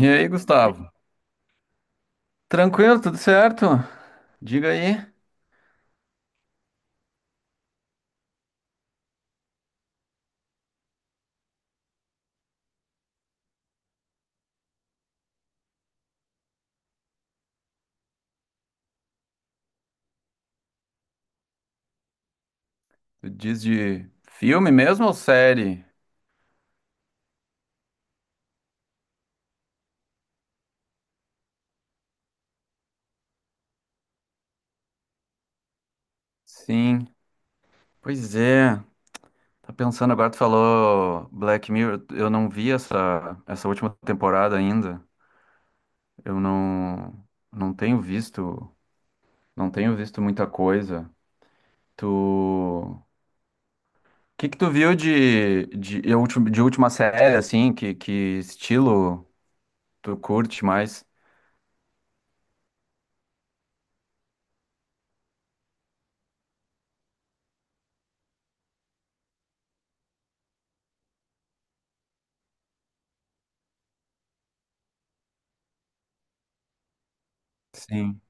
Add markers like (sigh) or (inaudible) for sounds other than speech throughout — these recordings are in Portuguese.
E aí, Gustavo? Tranquilo, tudo certo? Diga aí. Tu diz de filme mesmo ou série? Sim. Pois é. Tá pensando agora, tu falou Black Mirror. Eu não vi essa última temporada ainda. Eu não tenho visto, não tenho visto muita coisa. Tu, o que que tu viu de última série, assim? Que estilo tu curte mais? Sim.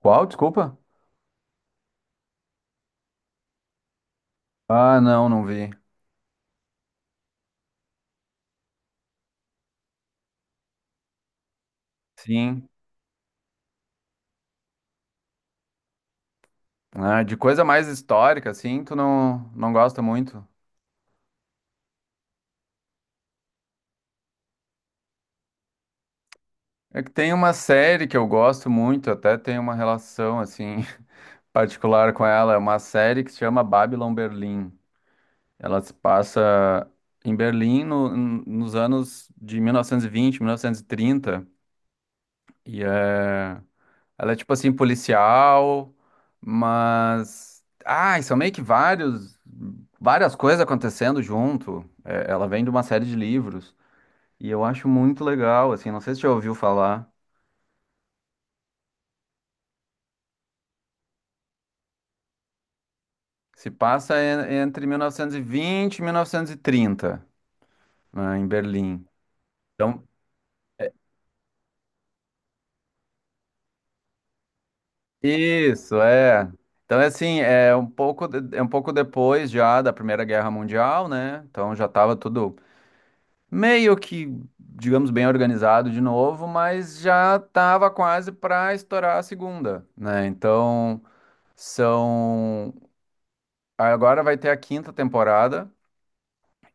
Qual? Desculpa? Ah, não, não vi. Sim. Ah, de coisa mais histórica, assim, tu não, não gosta muito. É que tem uma série que eu gosto muito, até tem uma relação, assim, (laughs) particular com ela. É uma série que se chama Babylon Berlim. Ela se passa em Berlim nos anos de 1920, 1930. E vinte, mil novecentos e trinta. E... é... ela é, tipo assim, policial, mas... Ah, e são meio que vários... Várias coisas acontecendo junto. É, ela vem de uma série de livros. E eu acho muito legal, assim, não sei se você já ouviu falar. Se passa entre 1920 e 1930, né, em Berlim. Então, isso, é. Então, é assim, é um pouco, é um pouco depois já da Primeira Guerra Mundial, né? Então já estava tudo meio que, digamos, bem organizado de novo, mas já estava quase para estourar a segunda, né? Então, são. Agora vai ter a quinta temporada.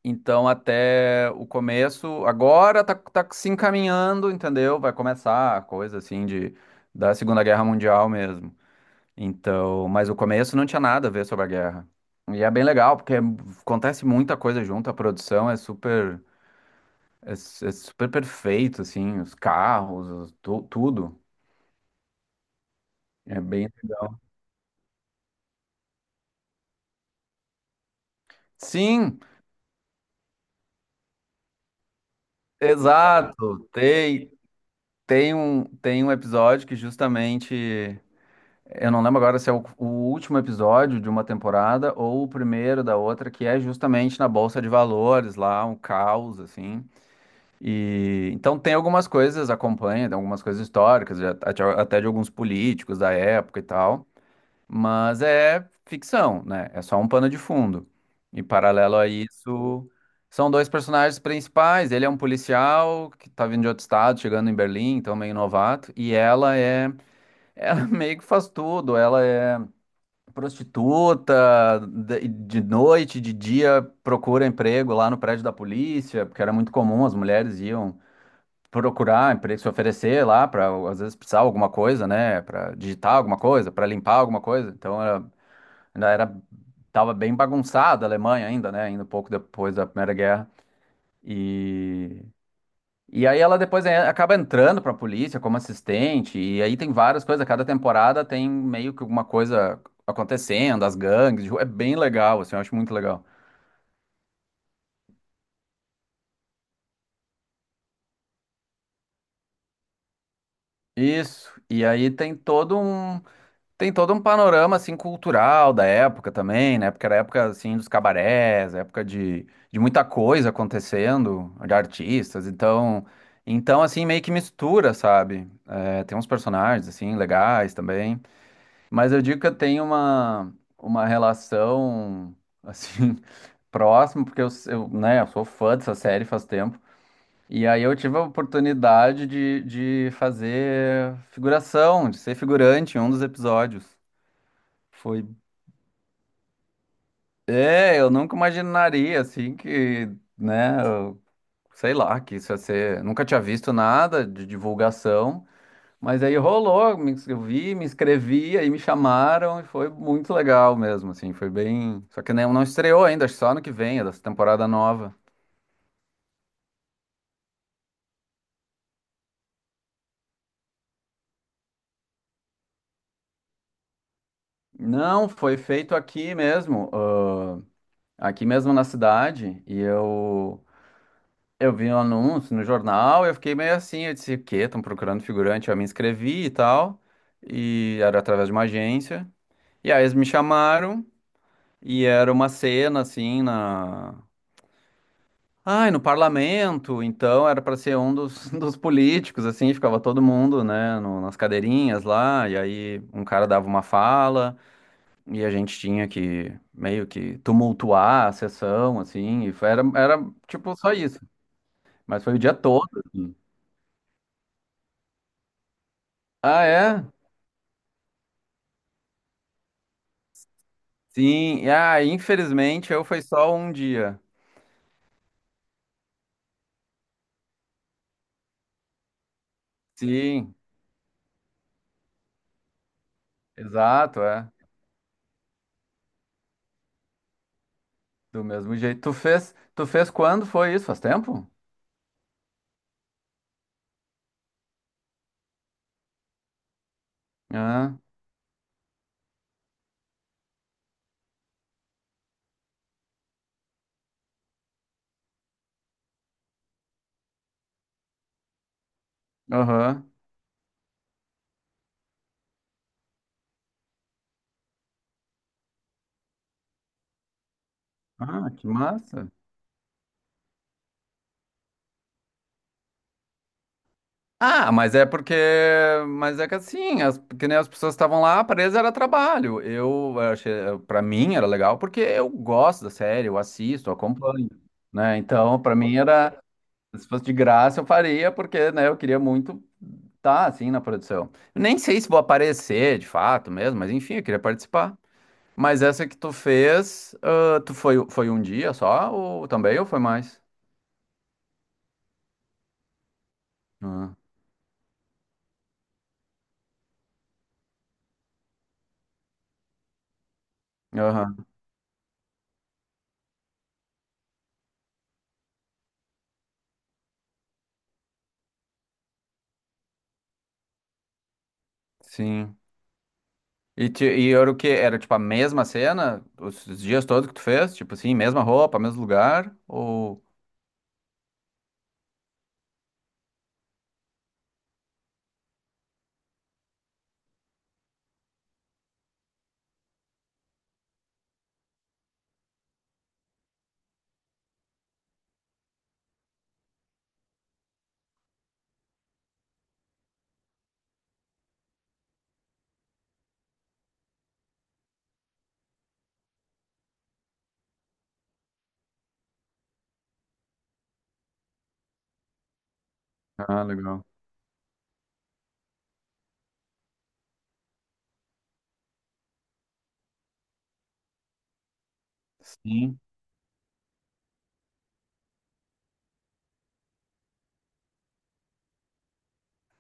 Então, até o começo, agora tá se encaminhando, entendeu? Vai começar a coisa assim de da Segunda Guerra Mundial mesmo. Então, mas o começo não tinha nada a ver sobre a guerra. E é bem legal, porque acontece muita coisa junto, a produção é super é, é super perfeito assim, os carros, tudo. É bem Sim, exato. Tem um episódio que justamente eu não lembro agora se é o último episódio de uma temporada ou o primeiro da outra, que é justamente na Bolsa de Valores, lá, um caos, assim. E então tem algumas coisas, acompanha, tem algumas coisas históricas, até de alguns políticos da época e tal, mas é ficção, né? É só um pano de fundo. E paralelo a isso, são dois personagens principais. Ele é um policial que tá vindo de outro estado, chegando em Berlim, então meio novato, e ela é, ela (laughs) meio que faz tudo, ela é prostituta, de noite, de dia, procura emprego lá no prédio da polícia, porque era muito comum, as mulheres iam procurar emprego, se oferecer lá para às vezes precisar alguma coisa, né, para digitar alguma coisa, para limpar alguma coisa. Então era, ainda era tava bem bagunçada a Alemanha ainda, né, ainda um pouco depois da Primeira Guerra. E e aí ela depois acaba entrando pra polícia como assistente, e aí tem várias coisas, cada temporada tem meio que alguma coisa acontecendo, as gangues, de rua, é bem legal, assim, eu acho muito legal. Isso, e aí tem todo um panorama assim cultural da época também, né? Porque era época assim dos cabarés, época de muita coisa acontecendo, de artistas, então assim meio que mistura, sabe? É, tem uns personagens assim legais também. Mas eu digo que eu tenho uma relação, assim, (laughs) próxima, porque eu, s- eu, né, eu sou fã dessa série faz tempo. E aí eu tive a oportunidade de fazer figuração, de ser figurante em um dos episódios. Foi... É, eu nunca imaginaria, assim, que, né, sei lá, que isso ia ser... Nunca tinha visto nada de divulgação. Mas aí rolou, vi, me inscrevi, aí me chamaram e foi muito legal mesmo, assim, foi bem. Só que não estreou ainda, acho que só ano que vem, é dessa temporada nova. Não, foi feito aqui mesmo, ah, aqui mesmo na cidade, e eu vi um anúncio no jornal, eu fiquei meio assim, eu disse, o quê? Estão procurando figurante? Eu me inscrevi e tal, e era através de uma agência. E aí eles me chamaram, e era uma cena, assim, na Ai, no parlamento, então era para ser um dos, (laughs) dos políticos, assim, ficava todo mundo, né, nas cadeirinhas lá, e aí um cara dava uma fala, e a gente tinha que meio que tumultuar a sessão, assim, e era tipo só isso, mas foi o dia todo, assim. Ah, é? Sim, e, ah, infelizmente eu foi só um dia. Sim, exato, é, do mesmo jeito. Tu fez quando foi isso? Faz tempo? Ah, aham. Ah, que massa. Ah, mas é porque, mas é que assim, as, que nem as pessoas estavam lá, presas era trabalho. Eu achei, para mim era legal porque eu gosto da série, eu assisto, eu acompanho, né? Então, para mim era, se fosse de graça eu faria, porque, né, eu queria muito estar assim na produção. Nem sei se vou aparecer de fato mesmo, mas enfim, eu queria participar. Mas essa que tu fez, ah, foi um dia só ou também ou foi mais? Ah, aham, sim. E, e era o quê? Era tipo a mesma cena? Os dias todos que tu fez? Tipo assim, mesma roupa, mesmo lugar? Ou. Ah, legal. Sim.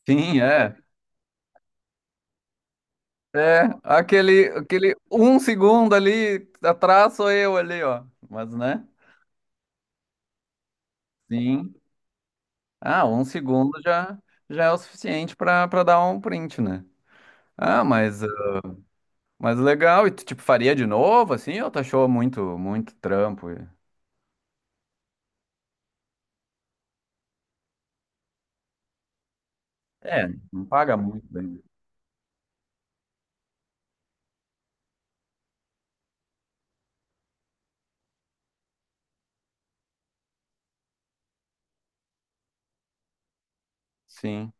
Sim, é. É, aquele um segundo ali atrás sou eu ali, ó. Mas, né? Sim. Ah, um segundo já, já é o suficiente pra dar um print, né? Ah, mas legal. E tu, tipo, faria de novo, assim? Ou tu achou muito trampo? E- É, não paga muito bem. Sim.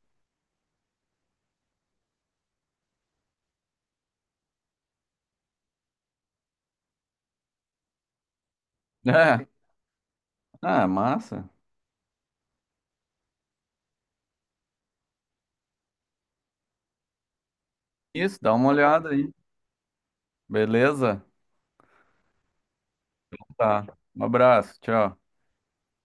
(laughs) É. Ah, massa. Isso, dá uma olhada aí. Beleza? Tá. Um abraço, tchau.